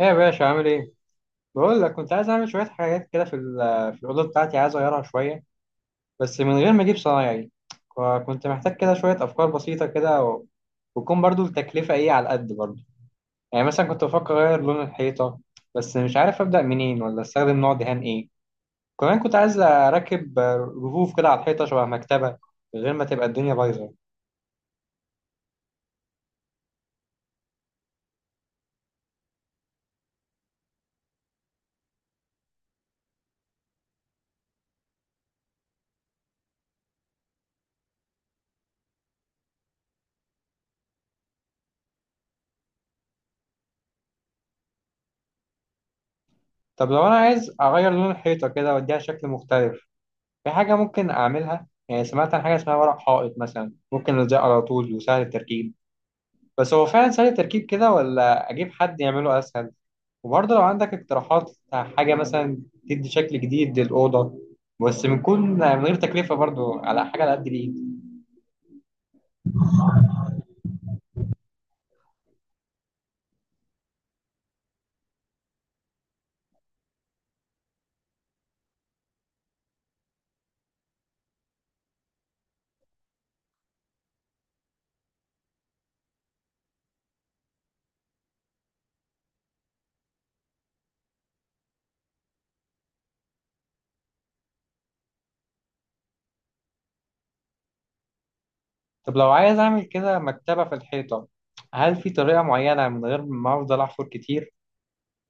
ايه يا باشا عامل ايه؟ بقول لك كنت عايز اعمل شوية حاجات كده في الأوضة بتاعتي عايز اغيرها شوية، بس من غير ما اجيب صنايعي. كنت محتاج كده شوية أفكار بسيطة كده وتكون برضو التكلفة ايه على قد برضو. يعني مثلا كنت بفكر اغير لون الحيطة، بس مش عارف أبدأ منين ولا استخدم نوع دهان ايه. كمان كنت عايز اركب رفوف كده على الحيطة شبه مكتبة، من غير ما تبقى الدنيا بايظة. طب لو انا عايز اغير لون الحيطة كده واديها شكل مختلف، في حاجة ممكن أعملها؟ يعني سمعت عن حاجة اسمها ورق حائط مثلا ممكن ألزقه على طول وسهل التركيب. بس هو فعلا سهل التركيب كده ولا أجيب حد يعمله أسهل؟ وبرضه لو عندك اقتراحات حاجة مثلا تدي شكل جديد للأوضة، بس بنكون من غير تكلفة، برضه على حاجة على قد الإيد. طب لو عايز أعمل كده مكتبة في الحيطة، هل في طريقة معينة من غير ما أفضل أحفر كتير؟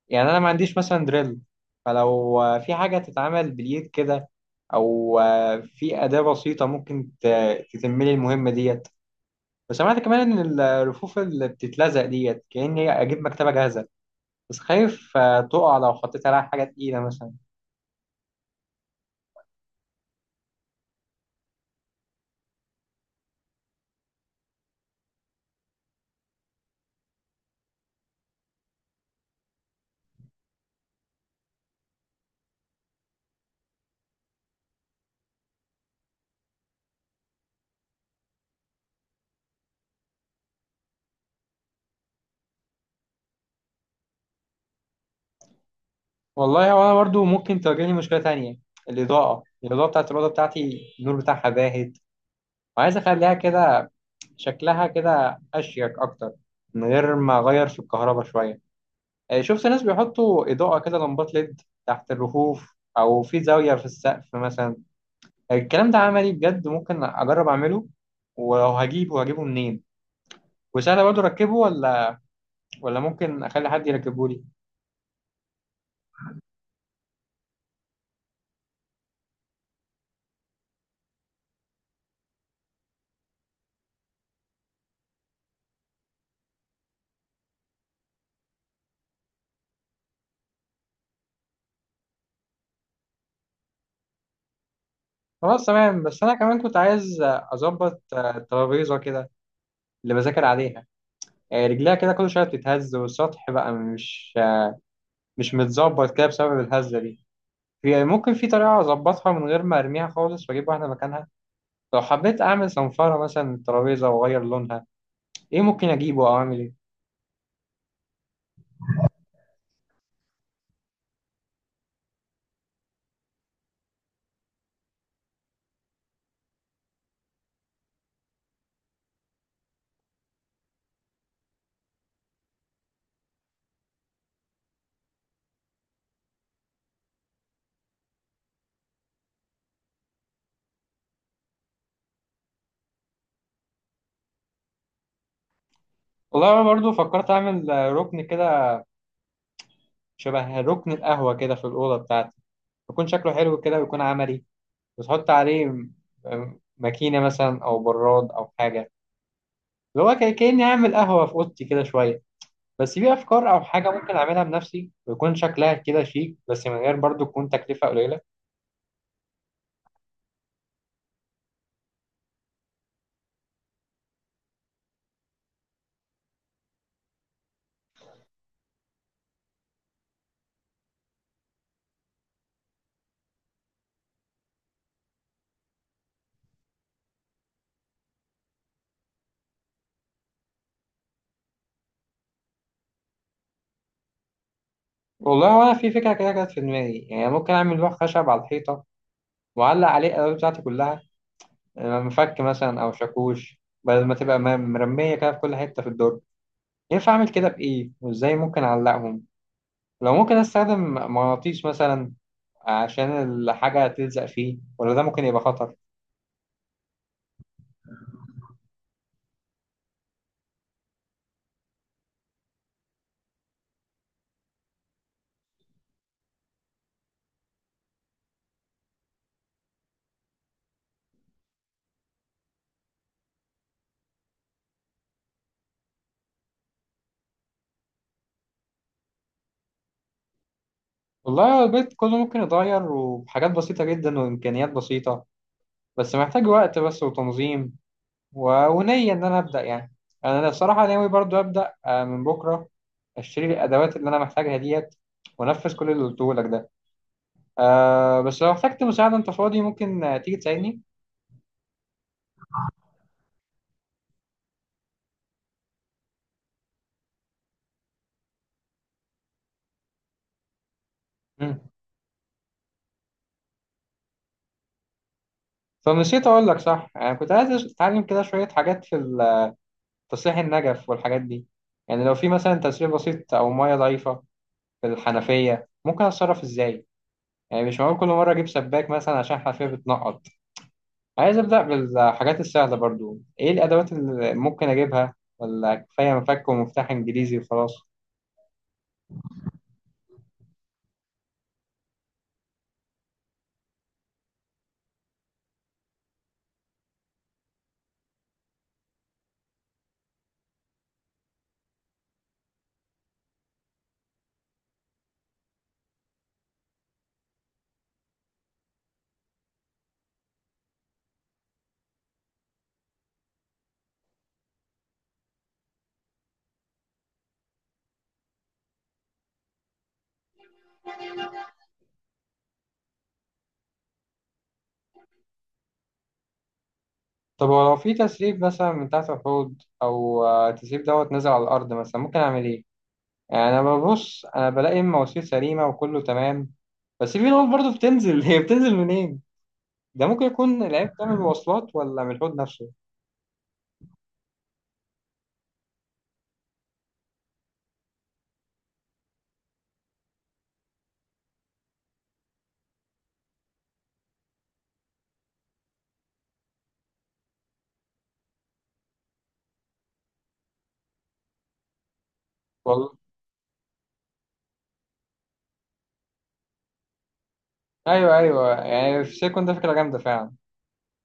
يعني انا ما عنديش مثلا دريل. فلو في حاجه تتعمل باليد كده، او في اداه بسيطه ممكن تتم لي المهمه ديت. وسمعت كمان ان الرفوف اللي بتتلزق ديت كاني اجيب مكتبه جاهزه، بس خايف تقع لو حطيت عليها حاجه تقيله مثلا. والله وانا برضو ممكن تواجهني مشكله تانية. الاضاءه بتاعت الاوضه بتاعتي، النور بتاعها باهت، وعايز اخليها كده، شكلها كده اشيك اكتر، من غير ما اغير في الكهرباء شويه. شفت ناس بيحطوا إضاءة كده، لمبات ليد تحت الرفوف أو في زاوية في السقف مثلا. الكلام ده عملي بجد؟ ممكن أجرب أعمله؟ ولو هجيبه منين؟ وسهل برضه أركبه ولا ممكن أخلي حد يركبه لي؟ خلاص تمام. بس أنا كمان كنت عايز أظبط الترابيزة كده، اللي بذاكر عليها. رجليها كده كل شوية بتتهز والسطح بقى مش متظبط كده بسبب الهزة دي. ممكن في طريقة أظبطها من غير ما أرميها خالص وأجيب واحدة مكانها؟ لو حبيت اعمل صنفرة مثلا ترابيزة واغير لونها، ايه ممكن اجيبه او اعمل ايه؟ والله انا برضو فكرت اعمل ركن كده، شبه ركن القهوة كده في الأوضة بتاعتي، يكون شكله حلو كده ويكون عملي. وتحط عليه ماكينة مثلا او براد او حاجة، اللي هو كأني اعمل قهوة في أوضتي كده شوية. بس في افكار او حاجة ممكن اعملها بنفسي ويكون شكلها كده شيك، بس من غير برضو، تكون تكلفة قليلة؟ والله وانا في فكرة كده كانت في دماغي، يعني ممكن اعمل لوح خشب على الحيطة وأعلق عليه الألوان بتاعتي كلها، يبقى مفك مثلا أو شاكوش، بدل ما تبقى مرمية كده في كل حتة في الدرج. ينفع أعمل كده بإيه، وإزاي ممكن أعلقهم؟ لو ممكن أستخدم مغناطيس مثلا عشان الحاجة تلزق فيه، ولا ده ممكن يبقى خطر؟ والله البيت كله ممكن يتغير، وبحاجات بسيطة جدا وإمكانيات بسيطة، بس محتاج وقت بس وتنظيم، ونية إن أنا أبدأ يعني. يعني أنا الصراحة ناوي برضو أبدأ من بكرة، أشتري الأدوات اللي أنا محتاجها ديت وأنفذ كل اللي قلته لك ده. بس لو احتجت مساعدة، أنت فاضي ممكن تيجي تساعدني؟ مم. فنسيت أقول لك، صح، أنا كنت عايز أتعلم كده شوية حاجات تصليح النجف والحاجات دي. يعني لو في مثلا تسريب بسيط أو مية ضعيفة في الحنفية، ممكن أتصرف إزاي؟ يعني مش معقول كل مرة أجيب سباك مثلا عشان الحنفية بتنقط. عايز أبدأ بالحاجات السهلة، برضو إيه الأدوات اللي ممكن أجيبها؟ ولا كفاية مفك ومفتاح إنجليزي وخلاص؟ طب ولو في تسريب مثلا من تحت الحوض أو تسريب دوت نزل على الأرض مثلا، ممكن أعمل إيه؟ يعني انا ببص انا بلاقي المواسير سليمه وكله تمام، بس في نقط برضه بتنزل هي بتنزل منين؟ ده ممكن يكون العيب ده من المواصلات ولا من الحوض نفسه؟ والله، ايوه ايوه، يعني في سيكون ده فكره جامده فعلا.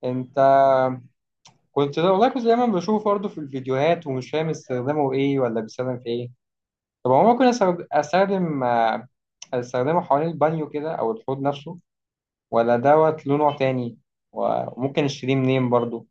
انت كنت ده، والله كنت دايما بشوفه برضه في الفيديوهات ومش فاهم استخدامه ايه ولا بيستخدم في ايه. طب هو ممكن استخدمه حوالين البانيو كده او الحوض نفسه، ولا دوت له نوع تاني؟ وممكن اشتريه منين برضه؟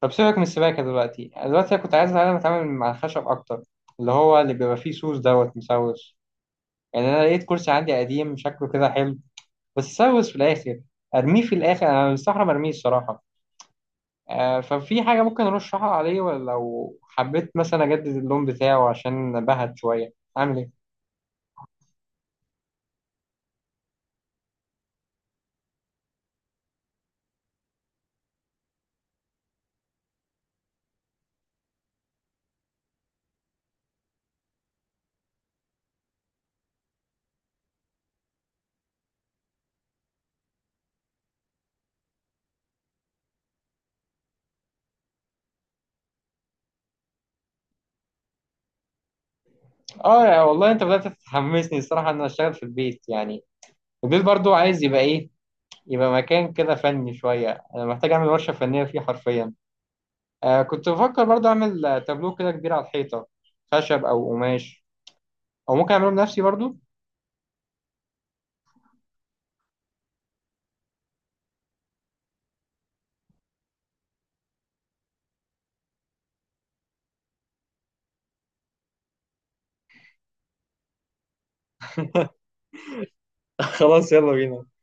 طب سيبك من السباكة دلوقتي أنا كنت عايز أتعلم أتعامل مع الخشب أكتر، اللي هو اللي بيبقى فيه سوس دوت مسوس. يعني أنا لقيت كرسي عندي قديم شكله كده حلو، بس سوس في الآخر. أرميه في الآخر؟ أنا مستحرم أرميه الصراحة. ففي حاجة ممكن أرشحها عليه؟ ولا لو حبيت مثلا أجدد اللون بتاعه عشان بهت شوية، أعمل إيه؟ يا والله أنت بدأت تحمسني الصراحة، إن أنا أشتغل في البيت يعني. البيت برضو عايز يبقى إيه؟ يبقى مكان كده فني شوية. أنا محتاج أعمل ورشة فنية فيه حرفيا. كنت بفكر برضه اعمل تابلو كده كبير على الحيطه، خشب او قماش، او ممكن اعمله بنفسي برضه. خلاص يلا بينا.